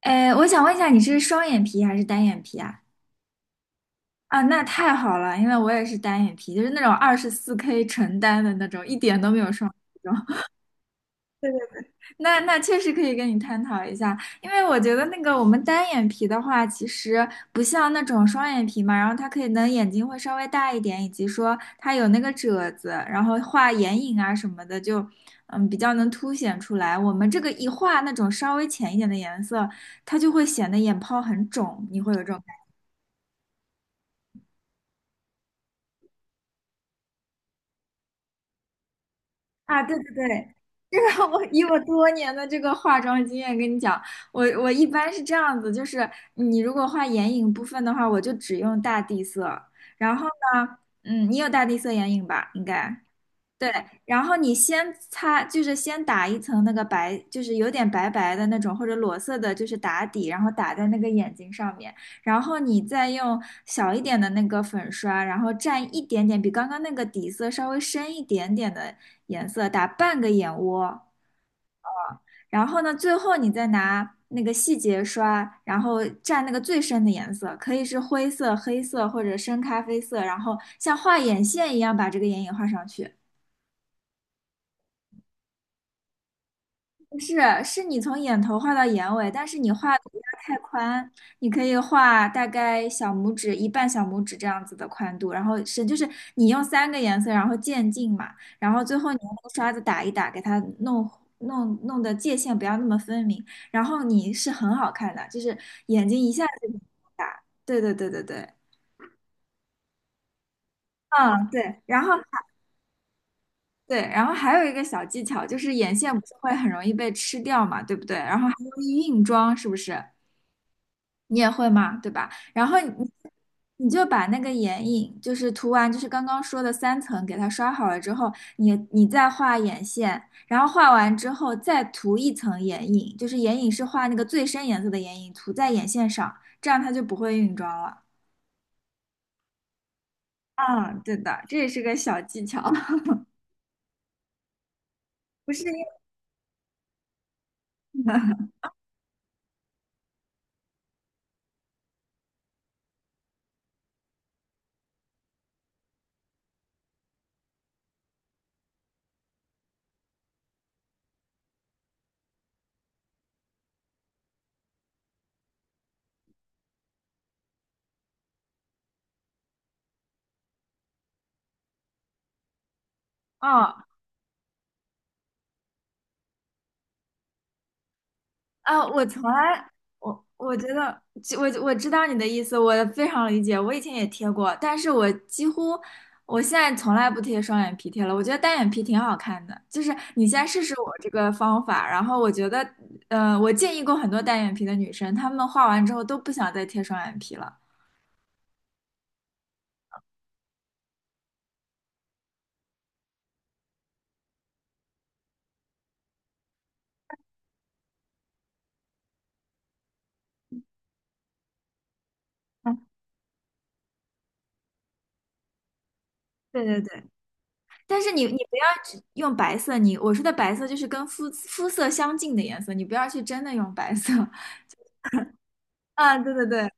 哎，我想问一下，你是双眼皮还是单眼皮啊？啊，那太好了，因为我也是单眼皮，就是那种24K 纯单的那种，一点都没有双那种。 那确实可以跟你探讨一下，因为我觉得那个我们单眼皮的话，其实不像那种双眼皮嘛，然后它可以能眼睛会稍微大一点，以及说它有那个褶子，然后画眼影啊什么的就。嗯，比较能凸显出来。我们这个一画那种稍微浅一点的颜色，它就会显得眼泡很肿。你会有这种？啊，对对对，这个我以我多年的这个化妆经验跟你讲，我一般是这样子，就是你如果画眼影部分的话，我就只用大地色，然后呢。嗯，你有大地色眼影吧？应该。对，然后你先擦，就是先打一层那个白，就是有点白白的那种或者裸色的，就是打底，然后打在那个眼睛上面，然后你再用小一点的那个粉刷，然后蘸一点点比刚刚那个底色稍微深一点点的颜色，打半个眼窝，然后呢，最后你再拿那个细节刷，然后蘸那个最深的颜色，可以是灰色、黑色或者深咖啡色，然后像画眼线一样把这个眼影画上去。不是，是你从眼头画到眼尾，但是你画的不要太宽，你可以画大概小拇指一半小拇指这样子的宽度，然后是就是你用三个颜色，然后渐进嘛，然后最后你用那个刷子打一打，给它弄的界限不要那么分明，然后你是很好看的，就是眼睛一下子就打，对对对对对。嗯，对，然后还有一个小技巧，就是眼线不是会很容易被吃掉嘛，对不对？然后还容易晕妆，是不是？你也会嘛，对吧？然后你就把那个眼影，就是涂完，就是刚刚说的三层，给它刷好了之后，你再画眼线，然后画完之后再涂一层眼影，就是眼影是画那个最深颜色的眼影，涂在眼线上，这样它就不会晕妆了。嗯，对的，这也是个小技巧，不是晕的 嗯，啊，我从来，我觉得，就我知道你的意思，我非常理解。我以前也贴过，但是我几乎，我现在从来不贴双眼皮贴了。我觉得单眼皮挺好看的，就是你先试试我这个方法，然后我觉得，我建议过很多单眼皮的女生，她们画完之后都不想再贴双眼皮了。嗯，对对对，但是你不要只用白色，你我说的白色就是跟肤色相近的颜色，你不要去真的用白色。啊，对对对。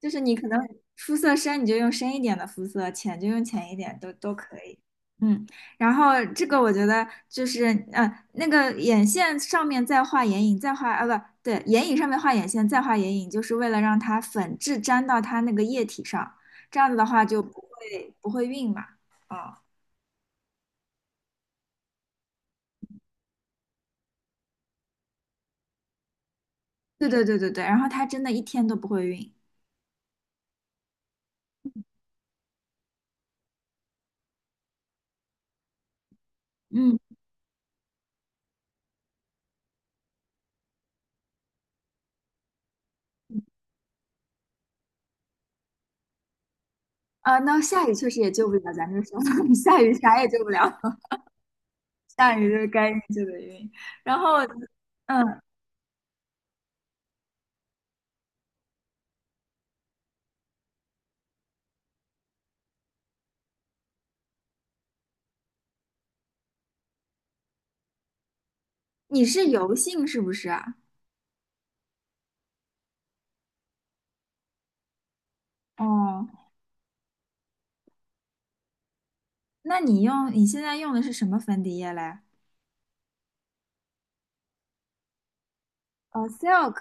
就是你可能肤色深，你就用深一点的肤色，浅就用浅一点，都可以。嗯，然后这个我觉得就是，呃，那个眼线上面再画眼影，再画啊不对，眼影上面画眼线，再画眼影，就是为了让它粉质粘到它那个液体上，这样子的话就不会晕嘛。啊、对对对对对，然后它真的一天都不会晕。嗯，啊、那下雨确实也救不了，咱这说 下雨啥也救不了，下雨就是该晕就得晕。然后，嗯。你是油性是不是啊？哦，那你用你现在用的是什么粉底液嘞？哦，Silk。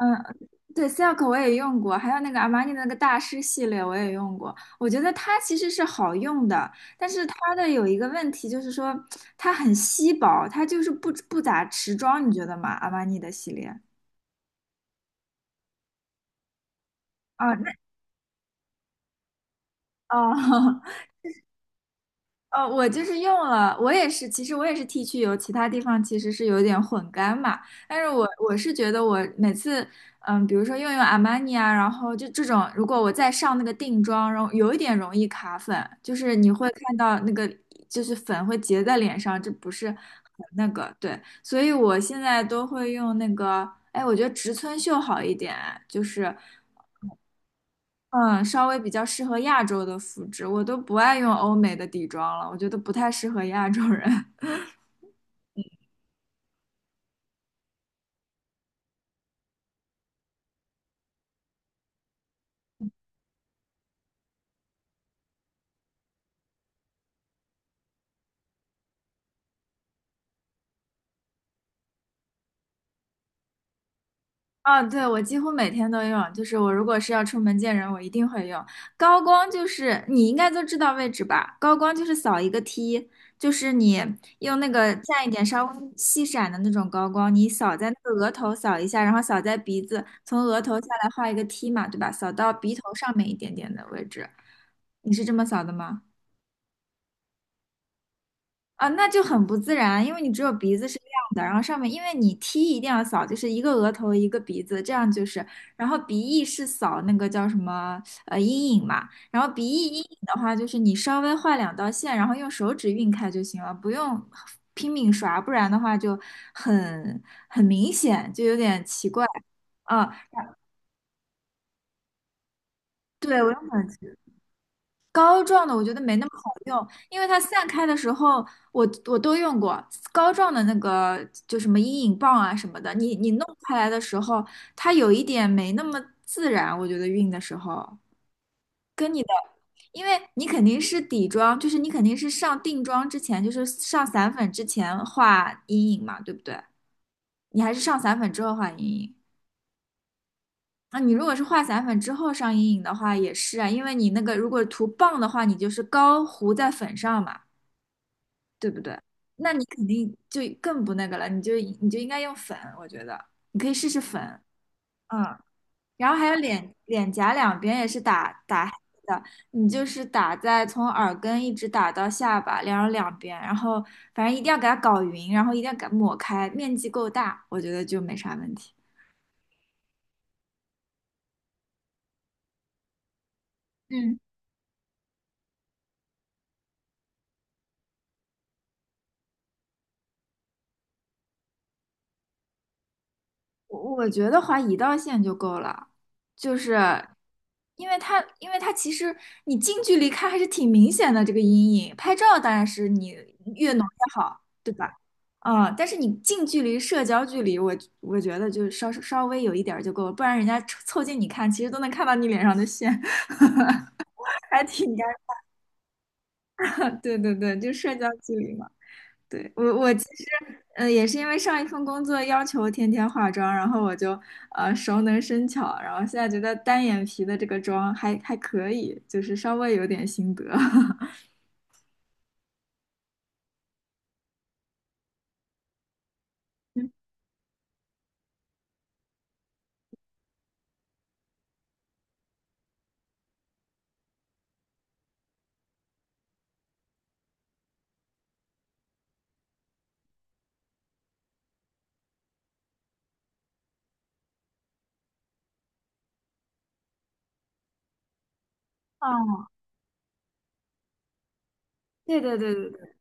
嗯，对，Silk 我也用过，还有那个阿玛尼的那个大师系列我也用过。我觉得它其实是好用的，但是它的有一个问题就是说它很稀薄，它就是不咋持妆，你觉得吗？阿玛尼的系列。啊，那哦，哦，我就是用了，我也是，其实我也是 T 区油，其他地方其实是有点混干嘛。但是我是觉得我每次，嗯，比如说用阿玛尼啊，然后就这种，如果我再上那个定妆，然后有一点容易卡粉，就是你会看到那个就是粉会结在脸上，这不是很那个，对。所以我现在都会用那个，哎，我觉得植村秀好一点，就是。嗯，稍微比较适合亚洲的肤质，我都不爱用欧美的底妆了，我觉得不太适合亚洲人。啊，对，我几乎每天都用，就是我如果是要出门见人，我一定会用。高光就是你应该都知道位置吧？高光就是扫一个 T,就是你用那个蘸一点稍微细闪的那种高光，你扫在那个额头扫一下，然后扫在鼻子，从额头下来画一个 T 嘛，对吧？扫到鼻头上面一点点的位置，你是这么扫的吗？啊，那就很不自然啊，因为你只有鼻子是亮的，然后上面，因为你 T 一定要扫，就是一个额头一个鼻子，这样就是，然后鼻翼是扫那个叫什么阴影嘛，然后鼻翼阴影的话，就是你稍微画两道线，然后用手指晕开就行了，不用拼命刷，不然的话就很明显，就有点奇怪。嗯，对，我用粉。膏状的我觉得没那么好用，因为它散开的时候，我都用过膏状的那个，就什么阴影棒啊什么的，你弄开来的时候，它有一点没那么自然，我觉得晕的时候跟你的，因为你肯定是底妆，就是你肯定是上定妆之前，就是上散粉之前画阴影嘛，对不对？你还是上散粉之后画阴影。那你如果是画散粉之后上阴影的话，也是啊，因为你那个如果涂棒的话，你就是膏糊在粉上嘛。对不对？那你肯定就更不那个了，你就应该用粉，我觉得你可以试试粉。嗯，然后还有脸颊两边也是打黑的，你就是打在从耳根一直打到下巴，然后两边，然后反正一定要给它搞匀，然后一定要给它抹开，面积够大，我觉得就没啥问题。嗯。我觉得划一道线就够了，就是因为它，因为它其实你近距离看还是挺明显的这个阴影，拍照当然是你越浓越好，对吧？嗯，但是你近距离社交距离，我觉得就稍微有一点儿就够了，不然人家凑近你看，其实都能看到你脸上的线，还挺尴尬。对对对，就社交距离嘛。对，我其实，也是因为上一份工作要求天天化妆，然后我就熟能生巧，然后现在觉得单眼皮的这个妆还可以，就是稍微有点心得。哦，对对对对对，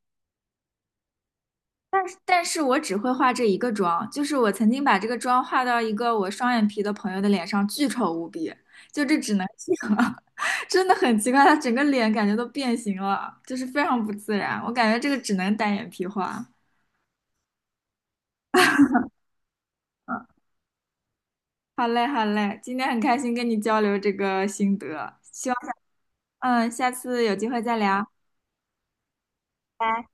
但是我只会画这一个妆，就是我曾经把这个妆画到一个我双眼皮的朋友的脸上，巨丑无比，就这只能是我，真的很奇怪，他整个脸感觉都变形了，就是非常不自然，我感觉这个只能单眼皮画。好嘞，好嘞，今天很开心跟你交流这个心得，希望，嗯，下次有机会再聊。拜拜。